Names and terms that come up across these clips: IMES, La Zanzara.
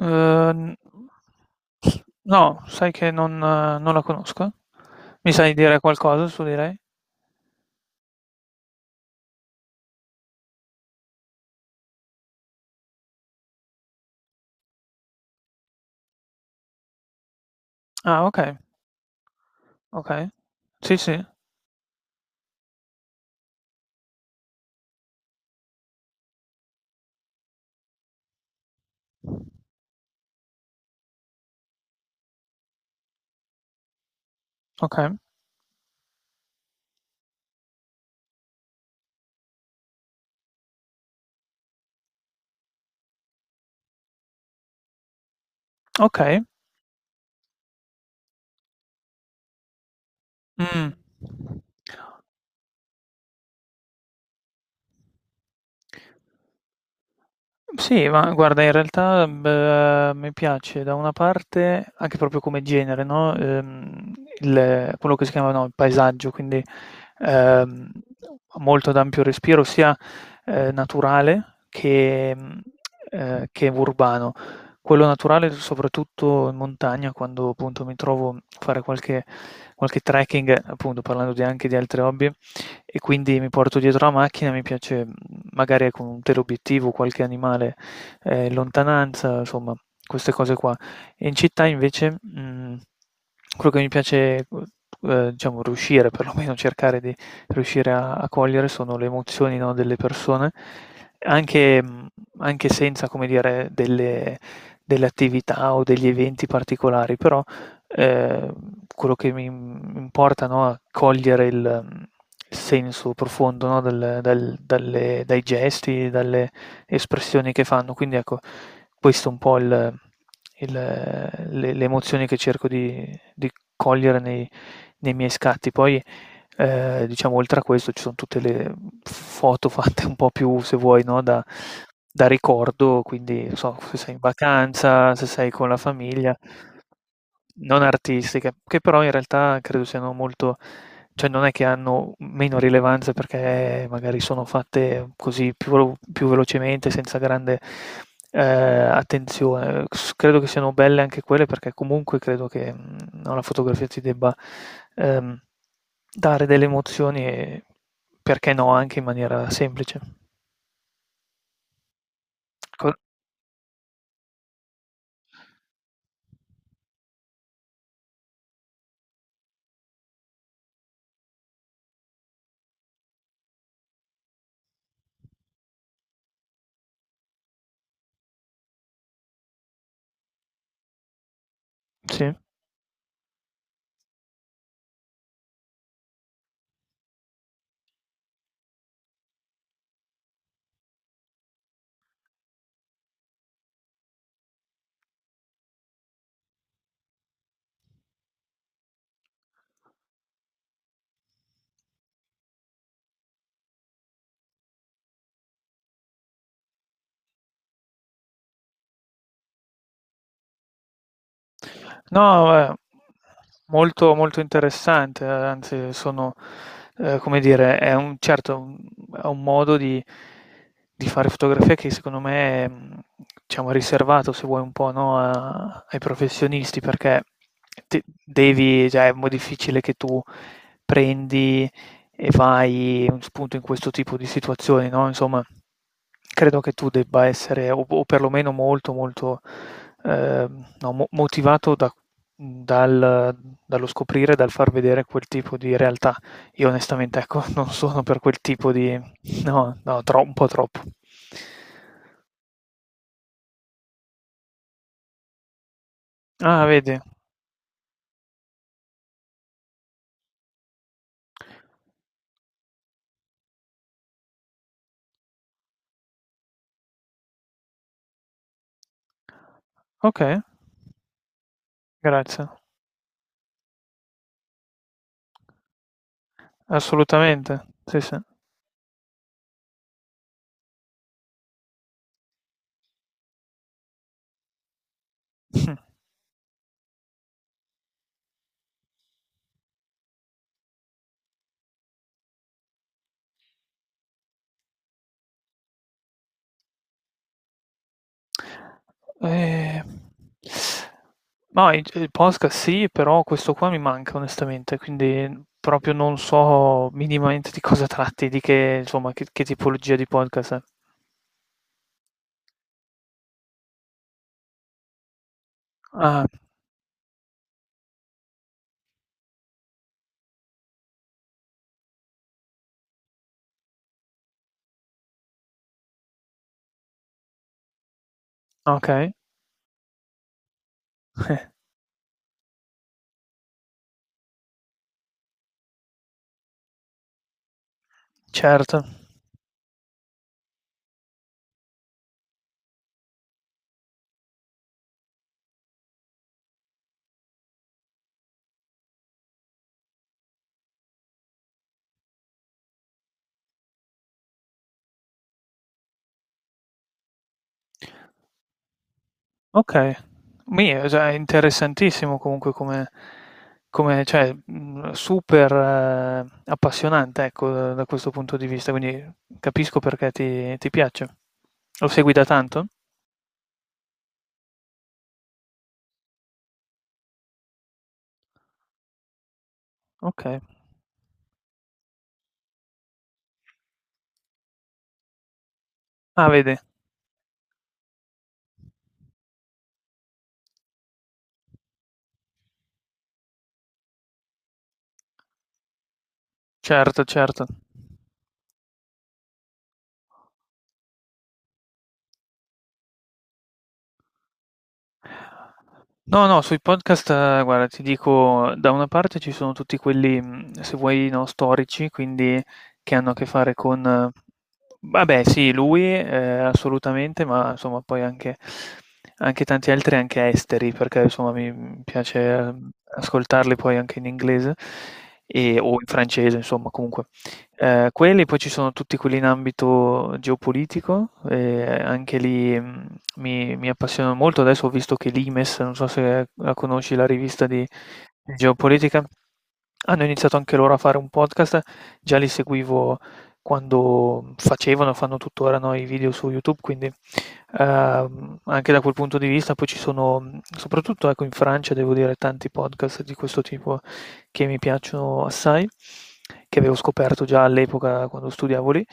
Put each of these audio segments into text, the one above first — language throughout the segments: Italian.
Ehm, no, sai che non non la conosco. Mi sai dire qualcosa su di lei? Ah, okay, okay. Sì, sì, okay, okay. Mh. Sì, ma guarda, in realtà beh, mi piace da una parte, anche proprio come genere, no? Quello che si chiama no, il paesaggio, quindi ehm, molto ad ampio respiro, sia naturale che urbano. Quello naturale, soprattutto in montagna, quando appunto mi trovo a fare qualche, qualche trekking, appunto parlando anche di altri hobby, e quindi mi porto dietro la macchina, mi piace magari con un teleobiettivo, qualche animale, in lontananza, insomma, queste cose qua. E in città invece quello che mi piace, diciamo, riuscire, perlomeno cercare di riuscire a cogliere sono le emozioni, no, delle persone, anche, anche senza, come dire, delle, delle attività o degli eventi particolari, però Ehm, quello che mi importa, no, è cogliere il, mhmm, il senso profondo, no, del del dalle dai gesti, dalle espressioni che fanno. Quindi ecco, questo è un po' il le emozioni che cerco di cogliere nei miei scatti. Poi, diciamo oltre a questo ci son tutte le f foto fatte un po' più, se vuoi, no, da ricordo, quindi non so, se sei in vacanza, se sei con la famiglia non artistiche, che però in realtà credo siano molto cioè non è che hanno meno rilevanza perché magari sono fatte così più, più velocemente, senza grande attenzione. Credo che siano belle anche quelle perché comunque credo che alla fotografia ti debba ehm, dare delle emozioni e perché no, anche in maniera semplice. Co- sì. No, molto, molto interessante, anzi sono, come dire, è un, certo, è un modo di fare fotografia che secondo me è, diciamo, riservato, se vuoi, un po', no, ai professionisti, perché devi, cioè, è molto difficile che tu prendi e fai un spunto in questo tipo di situazioni, no, insomma, credo che tu debba essere o perlomeno molto, molto, no, mo motivato da dal dallo scoprire, dal far vedere quel tipo di realtà. Io onestamente, ecco, non sono per quel tipo di no, no, tro un po' troppo. Ah, vedi? Okay, grazie. Assolutamente, sì, sì. Mh. Ehm, ma i il podcast sì, però questo qua mi manca onestamente, quindi proprio non so minimamente di cosa tratti, di che insomma, che tipologia di podcast è. Ah, okay. Certo. Okay. Mi è già interessantissimo comunque come come cioè, mhmm, super appassionante, ecco, da questo punto di vista, quindi capisco perché ti piace. Lo segui da tanto? Okay. Ah, vedi. Certo, certo. No, no, sui podcast, guarda, ti dico, da una parte ci sono tutti quelli, mhmm, se vuoi, no, storici, quindi che hanno a che fare con vabbè sì, lui, assolutamente, ma insomma poi anche anche tanti altri, anche esteri, perché insomma mi piace, ascoltarli poi anche in inglese e o in francese, insomma comunque. Quelli, poi ci sono tutti quelli in ambito geopolitico, anche lì, mhmm mi appassionano molto. Adesso ho visto che l'IMES, non so se la conosci, la rivista di geopolitica, hanno iniziato anche loro a fare un podcast. Già li seguivo quando fanno tuttora no, i video su YouTube, quindi anche da quel punto di vista. Poi ci sono, soprattutto ecco, in Francia, devo dire, tanti podcast di questo tipo che mi piacciono assai, che avevo scoperto già all'epoca quando studiavo lì.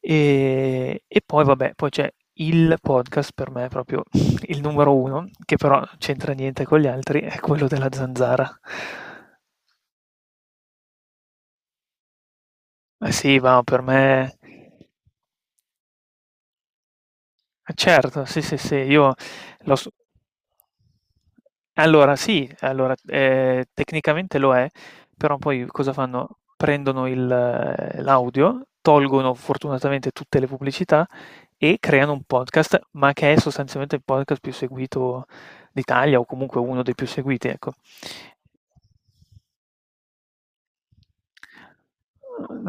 E poi vabbè, poi c'è il podcast per me proprio il numero uno, che però c'entra niente con gli altri, è quello della Zanzara. Ma sì, ma per me eh certo, sì, sì, sì, io l'ho s allora sì, allora, tecnicamente lo è, però poi cosa fanno? Prendono il l'audio, tolgono fortunatamente tutte le pubblicità e creano un podcast, ma che è sostanzialmente il podcast più seguito d'Italia o comunque uno dei più seguiti, ecco.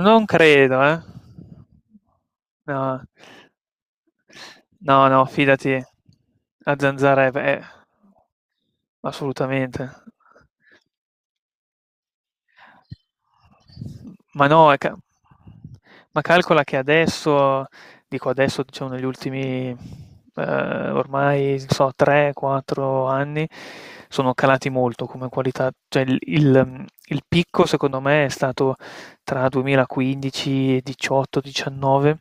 Non credo, eh. No. No, no, fidati. La zanzara è assolutamente. Ma no, è ca ma calcola che adesso dico adesso, diciamo negli ultimi, ormai non so 3, 4 anni, sono calati molto come qualità. Cioè il mhmm, il picco secondo me è stato tra 2015, 18, 19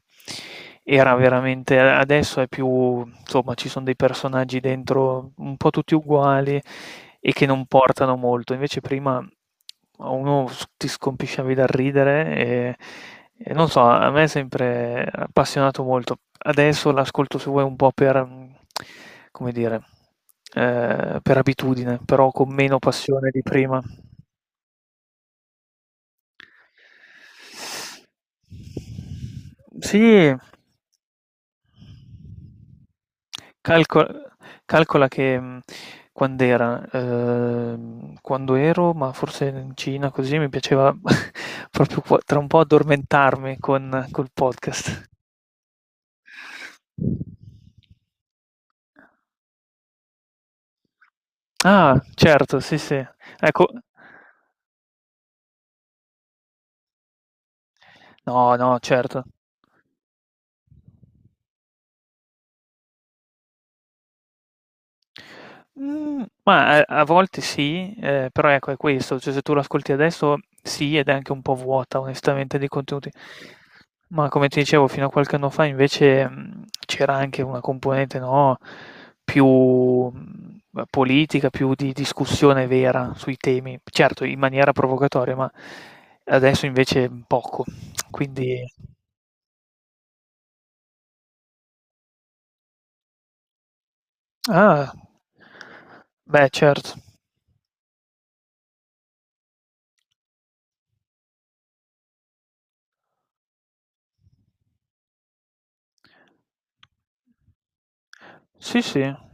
era veramente adesso è più insomma, ci sono dei personaggi dentro un po' tutti uguali e che non portano molto. Invece prima a uno s ti scompisciavi dal ridere e non so, a me è sempre appassionato molto. Adesso l'ascolto se vuoi un po' per, mhmm, come dire, per abitudine, però con meno passione di prima. Sì. Calco calcola che, mhmm, quand'era? Quando ero, ma forse in Cina così, mi piaceva proprio qua tra un po' addormentarmi con col podcast. Ah, certo, sì, sì. Ecco no, no, certo. Mhmm, ma a volte sì, però ecco è questo, cioè se tu lo ascolti adesso sì, ed è anche un po' vuota onestamente di contenuti. Ma come ti dicevo fino a qualche anno fa invece, mhmm, c'era anche una componente, no, più, mhmm, politica, più di discussione vera sui temi, certo in maniera provocatoria, ma adesso invece poco. Quindi ah, beh certo. Sì, sì.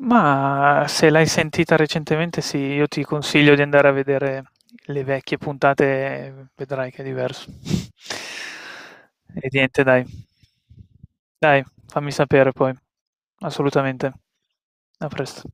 Mah, se l'hai sentita recentemente sì, io ti consiglio di andare a vedere le vecchie puntate, vedrai che è diverso. E niente, dai. Dai, fammi sapere poi. Assolutamente. A presto.